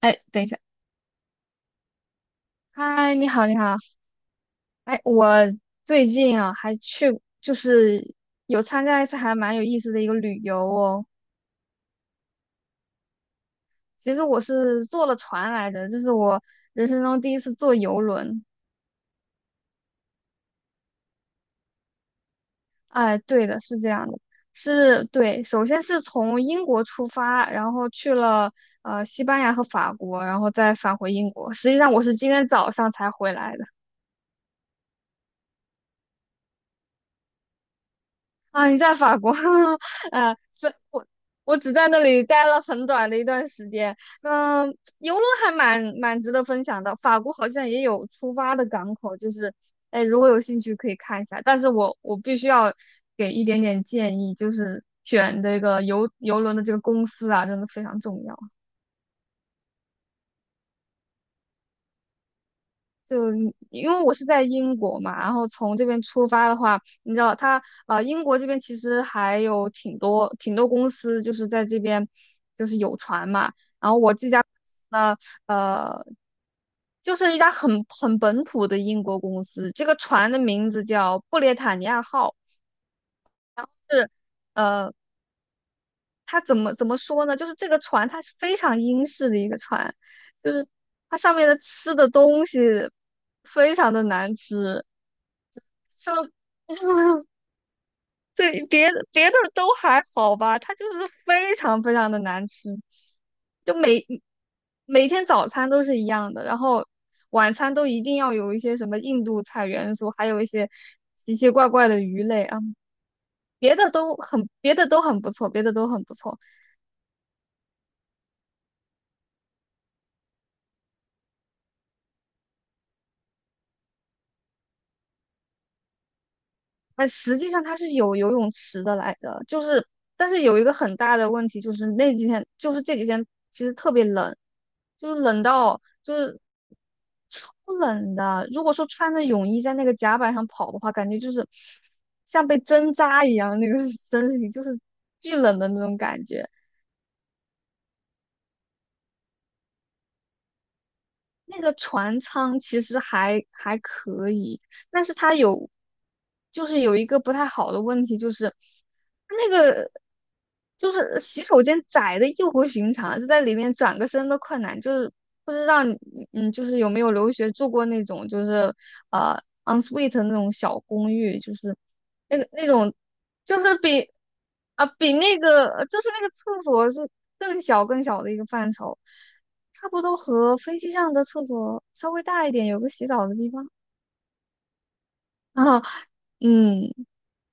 哎，等一下，嗨，你好，你好，哎，我最近啊还去，就是有参加一次还蛮有意思的一个旅游哦。其实我是坐了船来的，这是我人生中第一次坐游轮。哎，对的，是这样的，是对，首先是从英国出发，然后去了西班牙和法国，然后再返回英国。实际上我是今天早上才回来的。啊，你在法国？啊，是我，我只在那里待了很短的一段时间。嗯，游轮还蛮值得分享的。法国好像也有出发的港口，就是，哎，如果有兴趣可以看一下。但是我必须要给一点点建议，就是选这个游轮的这个公司啊，真的非常重要。就因为我是在英国嘛，然后从这边出发的话，你知道它英国这边其实还有挺多挺多公司就是在这边就是有船嘛，然后我这家公司呢，呃，就是一家很本土的英国公司，这个船的名字叫布列塔尼亚号，是呃，它怎么说呢？就是这个船它是非常英式的一个船，就是它上面的吃的东西非常的难吃，就 对别的都还好吧，它就是非常非常的难吃，就每天早餐都是一样的，然后晚餐都一定要有一些什么印度菜元素，还有一些奇奇怪怪的鱼类啊，别的都很不错，别的都很不错。哎，实际上它是有游泳池的来的，就是，但是有一个很大的问题就是那几天，就是这几天其实特别冷，就是冷到就是超冷的。如果说穿着泳衣在那个甲板上跑的话，感觉就是像被针扎一样，那个 身体就是巨冷的那种感觉。那个船舱其实还可以，但是它有，就是有一个不太好的问题，就是它那个就是洗手间窄的异乎寻常，就在里面转个身都困难。就是不知道你就是有没有留学住过那种就是呃 ensuite 那种小公寓，就是那个那种就是比啊比那个就是那个厕所是更小更小的一个范畴。差不多和飞机上的厕所稍微大一点，有个洗澡的地方。啊，嗯，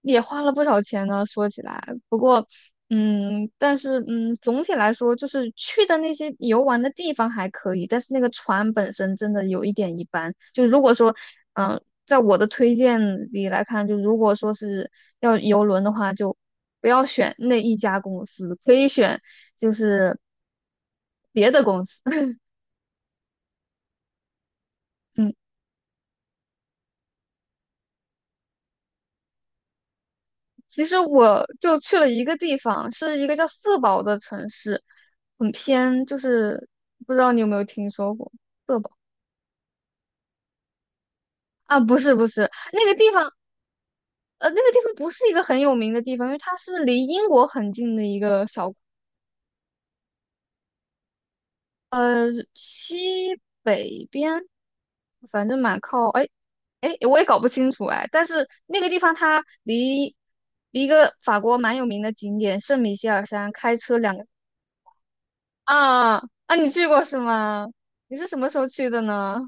也花了不少钱呢。说起来，不过，但是，总体来说，就是去的那些游玩的地方还可以，但是那个船本身真的有一点一般。就如果说，在我的推荐里来看，就如果说是要游轮的话，就不要选那一家公司，可以选就是别的公司。嗯。其实我就去了一个地方，是一个叫色堡的城市，很偏，就是不知道你有没有听说过色堡，啊？不是不是，那个地方，那个地方不是一个很有名的地方，因为它是离英国很近的一个小西北边，反正蛮靠，哎哎，我也搞不清楚哎，但是那个地方它离一个法国蛮有名的景点圣米歇尔山开车两个。啊啊，你去过是吗？你是什么时候去的呢？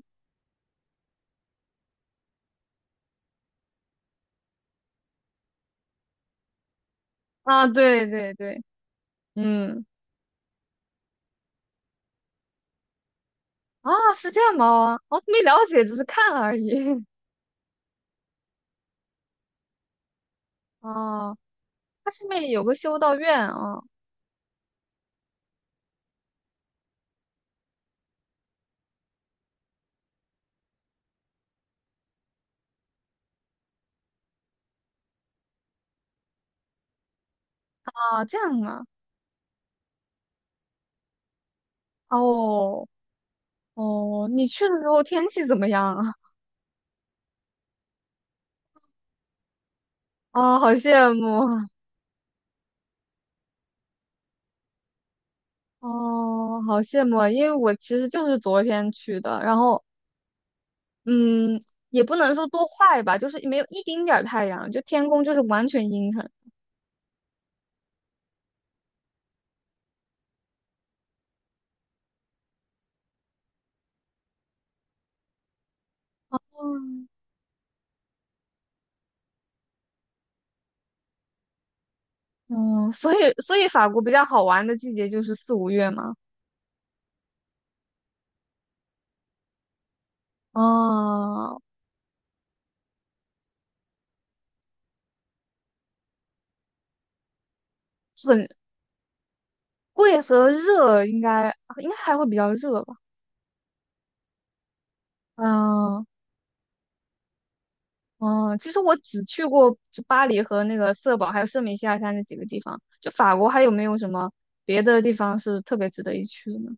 啊，对对对，嗯，啊，是这样吗？我没了解，只是看了而已。哦，它上面有个修道院啊啊，这样啊。哦哦，你去的时候天气怎么样啊？哦，好羡慕啊哦，好羡慕啊因为我其实就是昨天去的，然后嗯，也不能说多坏吧，就是没有一丁点儿太阳，就天空就是完全阴沉。嗯。嗯，所以法国比较好玩的季节就是四五月嘛，嗯，很贵和热应该还会比较热吧，嗯嗯，其实我只去过就巴黎和那个色堡，还有圣米西亚山这几个地方，就法国还有没有什么别的地方是特别值得一去的呢？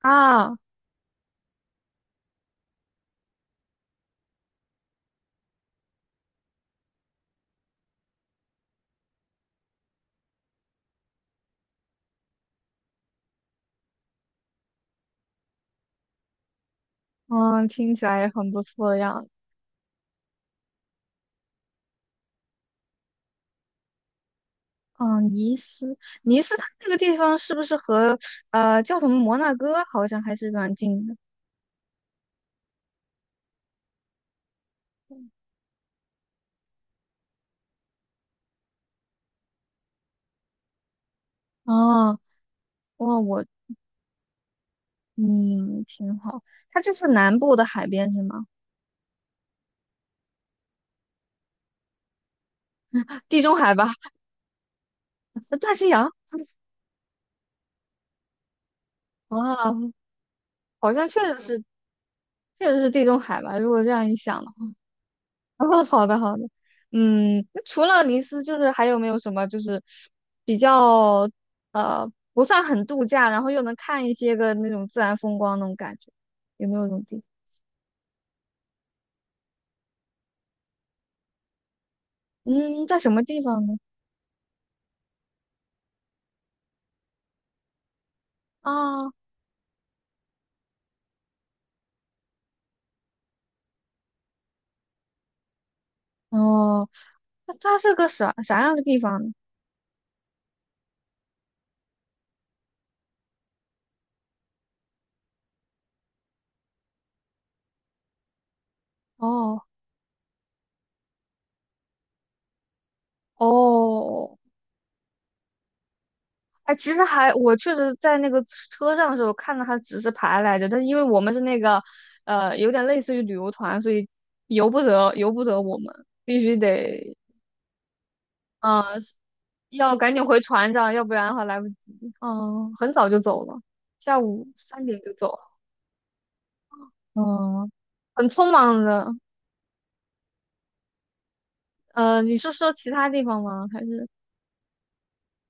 啊，嗯，听起来也很不错的样子。嗯，尼斯，它这个地方是不是和叫什么摩纳哥好像还是蛮近的？哦。哇，我嗯，挺好。它这是南部的海边是吗？地中海吧，大西洋。哇，好像确实是，确实是地中海吧。如果这样一想的话，哦，好的好的。嗯，那除了尼斯，就是还有没有什么就是比较不算很度假，然后又能看一些个那种自然风光那种感觉？有没有这种地方嗯，在什么地方呢？啊，哦，那它是个啥样的地方呢？哦哦哎，其实我确实在那个车上的时候看到他指示牌来着，但是因为我们是那个，有点类似于旅游团，所以由不得我们，必须得，嗯、呃要赶紧回船上，要不然的话来不及。嗯，很早就走了，下午三点就走了。嗯，很匆忙的。你是说其他地方吗？还是？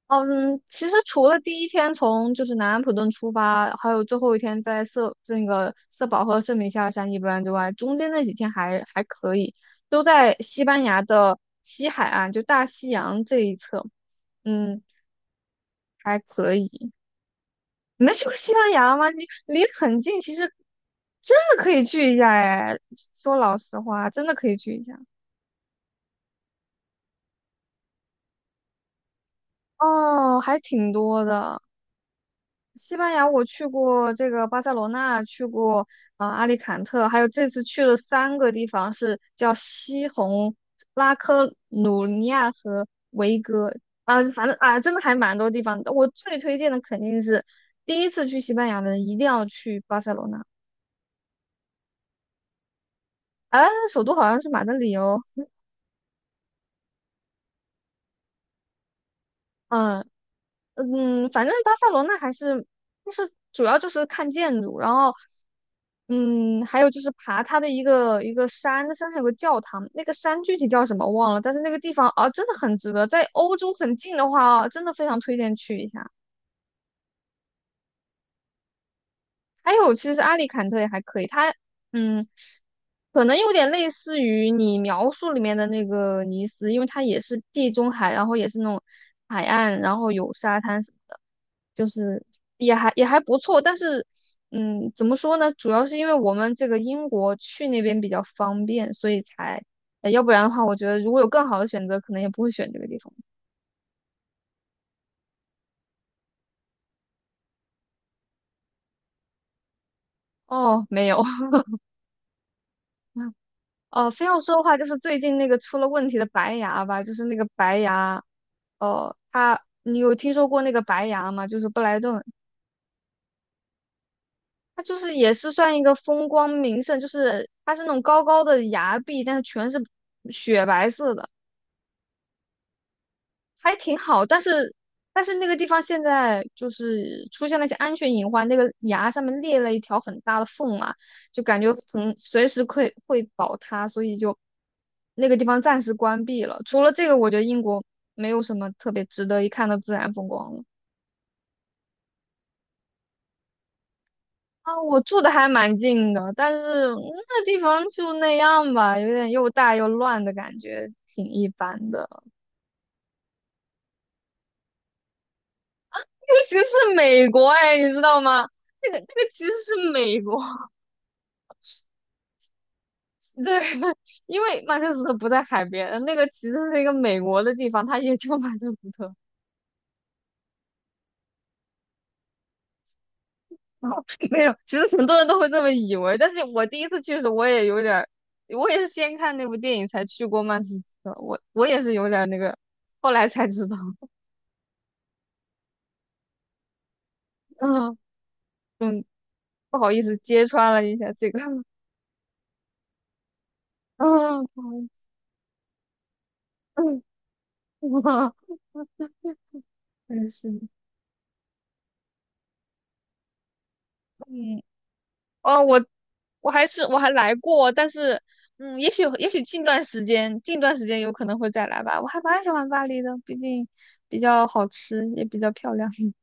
嗯，其实除了第一天从就是南安普顿出发，还有最后一天在色那个色保和圣米夏尔山一般之外，中间那几天还可以，都在西班牙的西海岸，就大西洋这一侧，嗯，还可以。你们去过西班牙吗？你离得很近，其实真的可以去一下哎。说老实话，真的可以去一下。哦，还挺多的。西班牙我去过这个巴塞罗那，去过阿里坎特，还有这次去了三个地方，是叫西红、拉科鲁尼亚和维戈啊，反正啊，真的还蛮多地方的。我最推荐的肯定是第一次去西班牙的人一定要去巴塞罗那，啊，首都好像是马德里哦，嗯。嗯，反正巴塞罗那还是，就是主要就是看建筑，然后，嗯，还有就是爬它的一个一个山，那山上有个教堂，那个山具体叫什么忘了，但是那个地方啊，真的很值得，在欧洲很近的话啊，真的非常推荐去一下。还有，其实阿里坎特也还可以，它，嗯，可能有点类似于你描述里面的那个尼斯，因为它也是地中海，然后也是那种海岸，然后有沙滩。什么的。就是也还不错，但是怎么说呢？主要是因为我们这个英国去那边比较方便，所以才，要不然的话，我觉得如果有更好的选择，可能也不会选这个地方。哦，没有，哦，非要说的话，就是最近那个出了问题的白牙吧，就是那个白牙，哦，它你有听说过那个白牙吗？就是布莱顿。它就是也是算一个风光名胜，就是它是那种高高的崖壁，但是全是雪白色的。还挺好，但是那个地方现在就是出现了一些安全隐患，那个崖上面裂了一条很大的缝嘛，就感觉很随时会倒塌，所以就那个地方暂时关闭了。除了这个，我觉得英国没有什么特别值得一看的自然风光了。啊，我住的还蛮近的，但是那地方就那样吧，有点又大又乱的感觉，挺一般的。尤其是美国，哎，你知道吗？那个其实是美国。对，因为曼彻斯特不在海边，那个其实是一个美国的地方，它也叫曼彻斯特。没有，其实很多人都会这么以为，但是我第一次去的时候，我也有点儿，我也是先看那部电影才去过曼彻斯特，我也是有点儿那个，后来才知道，嗯嗯，不好意思揭穿了一下这个，嗯，不好意思，嗯，真是的，嗯。哦，我还来过，但是也许近段时间有可能会再来吧。我还蛮喜欢巴黎的，毕竟比较好吃，也比较漂亮。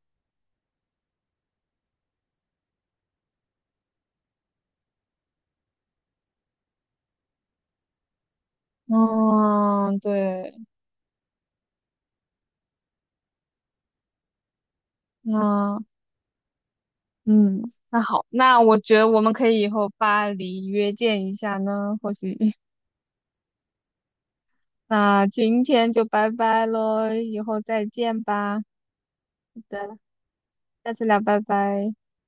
嗯，对，嗯嗯，那好，那我觉得我们可以以后巴黎约见一下呢，或许。那今天就拜拜喽，以后再见吧。好的，下次聊，拜拜。